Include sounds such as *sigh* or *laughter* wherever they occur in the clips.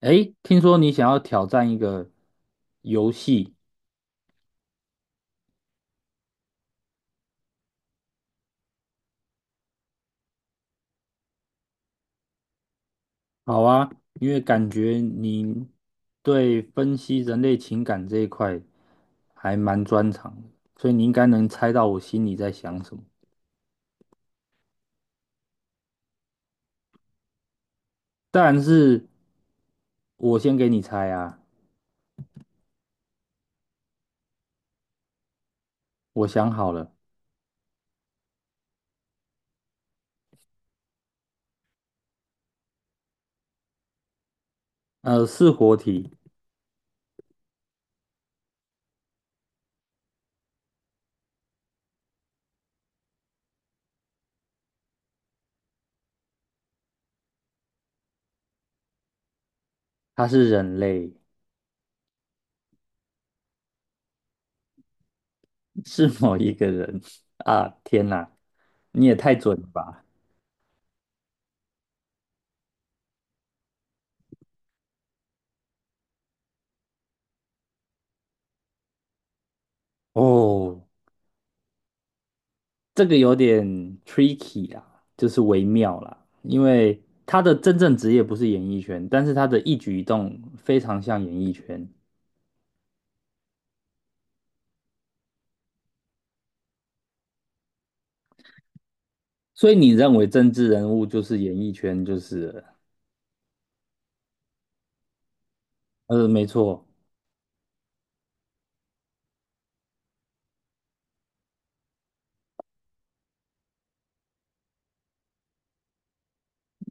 诶，听说你想要挑战一个游戏，好啊，因为感觉你对分析人类情感这一块还蛮专长的，所以你应该能猜到我心里在想什么。但是，我先给你猜啊，我想好了，是活体，它是人类，是某一个人 *laughs* 啊，天哪，你也太准了吧！哦，这个有点 tricky 啦，就是微妙啦，因为他的真正职业不是演艺圈，但是他的一举一动非常像演艺圈，所以你认为政治人物就是演艺圈就是了没错。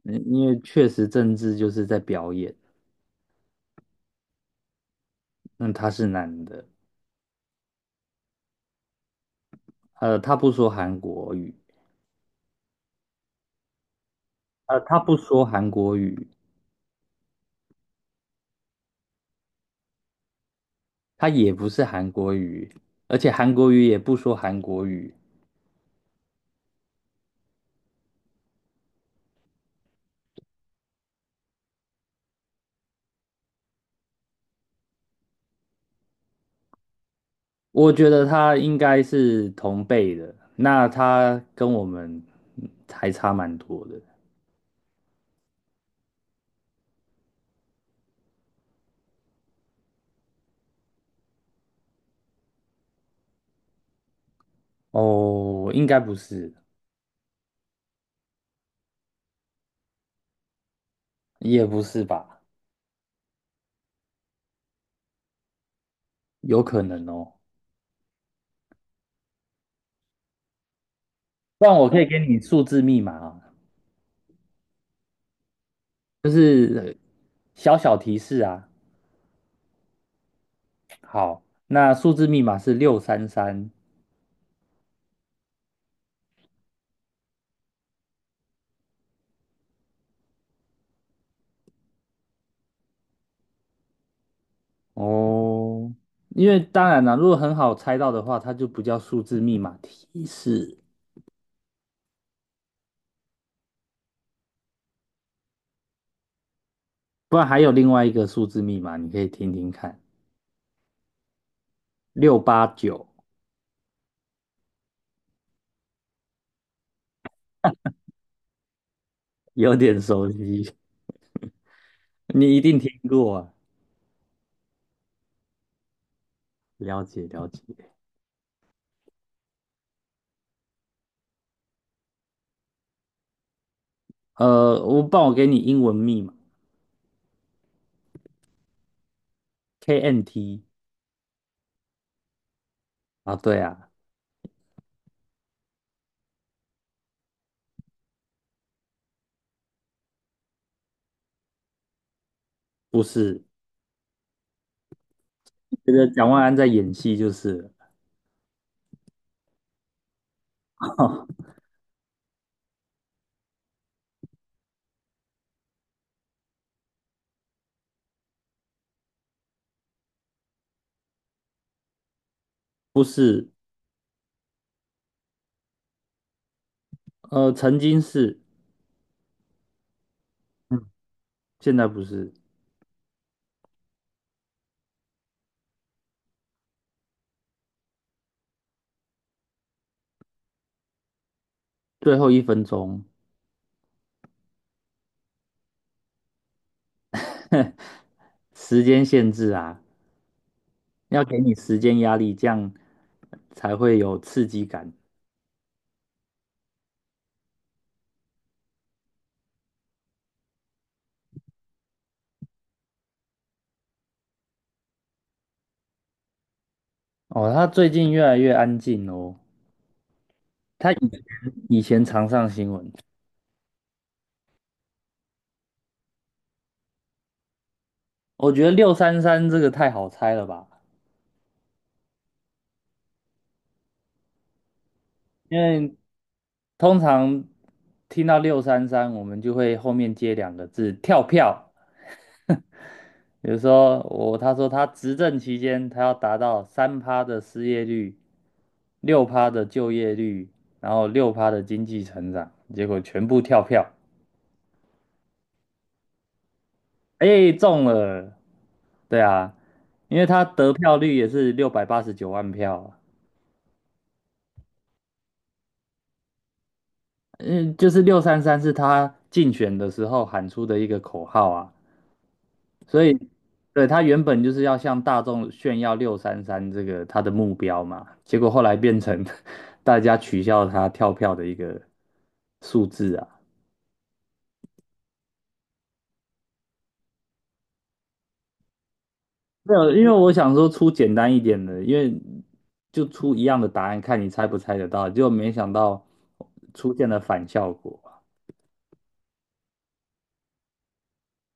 嗯因为确实政治就是在表演，那他是男的，他不说韩国语，呃，他不说韩国语，他也不是韩国语，而且韩国语也不说韩国语，我觉得他应该是同辈的，那他跟我们还差蛮多的。哦，应该不是，也不是吧？有可能哦。不然我可以给你数字密码啊，就是小小提示啊。好，那数字密码是六三三。哦，因为当然啦，如果很好猜到的话，它就不叫数字密码提示。不然还有另外一个数字密码，你可以听听看，689。有点熟悉，*laughs* 你一定听过啊。了解了解，我给你英文密码 KNT。 啊，对啊，不是，觉得蒋万安在演戏就是了，*laughs* 不是，曾经是，嗯，现在不是，最后一分钟，*laughs* 时间限制啊，要给你时间压力，这样才会有刺激感。哦，他最近越来越安静哦，以前常上新闻，我觉得六三三这个太好猜了吧，因为通常听到六三三，我们就会后面接两个字跳票。比如说他说他执政期间，他要达到3趴的失业率，六趴的就业率，然后六趴的经济成长，结果全部跳票，哎，中了。对啊，因为他得票率也是689万票啊。嗯，就是六三三是他竞选的时候喊出的一个口号啊，所以对他原本就是要向大众炫耀六三三这个他的目标嘛，结果后来变成 *laughs* 大家取笑他跳票的一个数字啊。没有，因为我想说出简单一点的，因为就出一样的答案，看你猜不猜得到，结果没想到出现了反效果。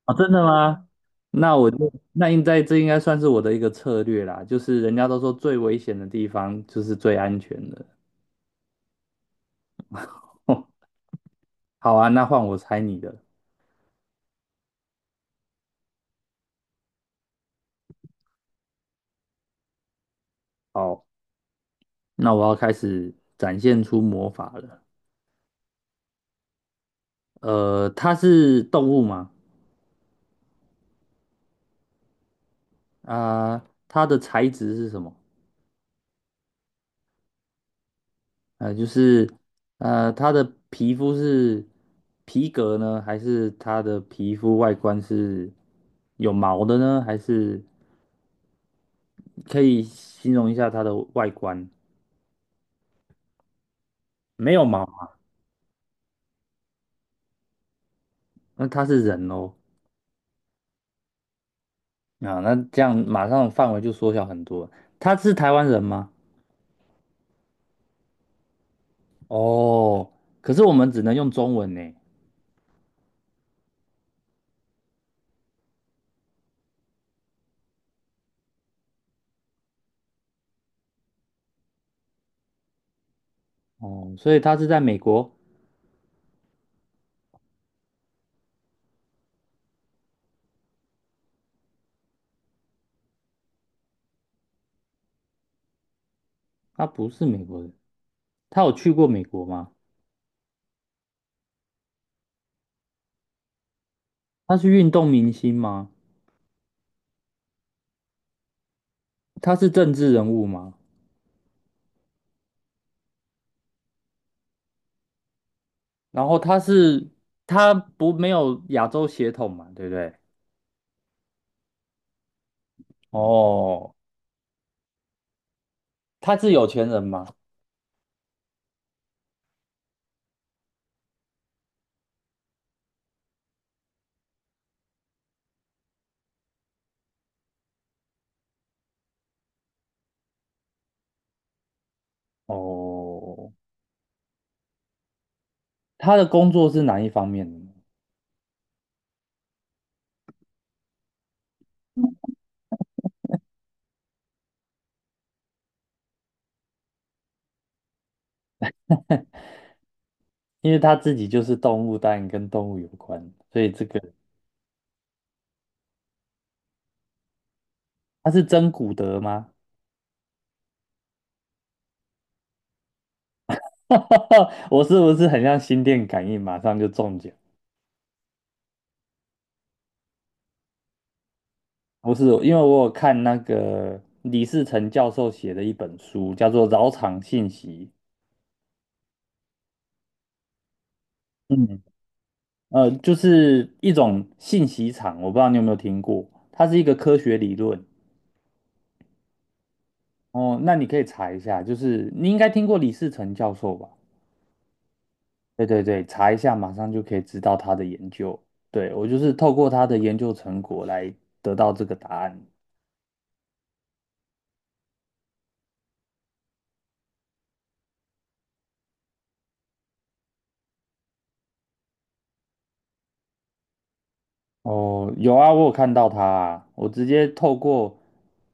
啊，真的吗？那我就那应该这应该算是我的一个策略啦，就是人家都说最危险的地方就是最安全的。*laughs* 哦，好啊，那换我猜你的。好，那我要开始展现出魔法了。它是动物吗？啊、它的材质是什么？就是它的皮肤是皮革呢，还是它的皮肤外观是有毛的呢？还是可以形容一下它的外观？没有毛啊，那他是人哦。啊，那这样马上范围就缩小很多。他是台湾人吗？哦，可是我们只能用中文呢。哦，所以他是在美国，他不是美国人。他有去过美国吗？他是运动明星吗？他是政治人物吗？然后他是他不没有亚洲血统嘛，对不对？哦，他是有钱人吗？哦，他的工作是哪一方面的呢？因为他自己就是动物，当然跟动物有关，所以这个他是真古德吗？*laughs* 我是不是很像心电感应，马上就中奖？不是，因为我有看那个李世成教授写的一本书，叫做《扰场信息》。嗯，就是一种信息场，我不知道你有没有听过，它是一个科学理论。哦，那你可以查一下，就是你应该听过李世成教授吧？对对对，查一下，马上就可以知道他的研究。对，我就是透过他的研究成果来得到这个答案。哦，有啊，我有看到他啊，我直接透过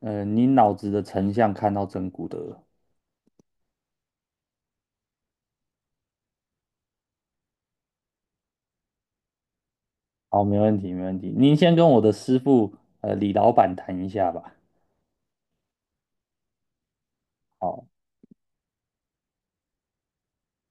你脑子的成像看到真骨德。好，没问题，没问题。您先跟我的师傅李老板谈一下吧。好。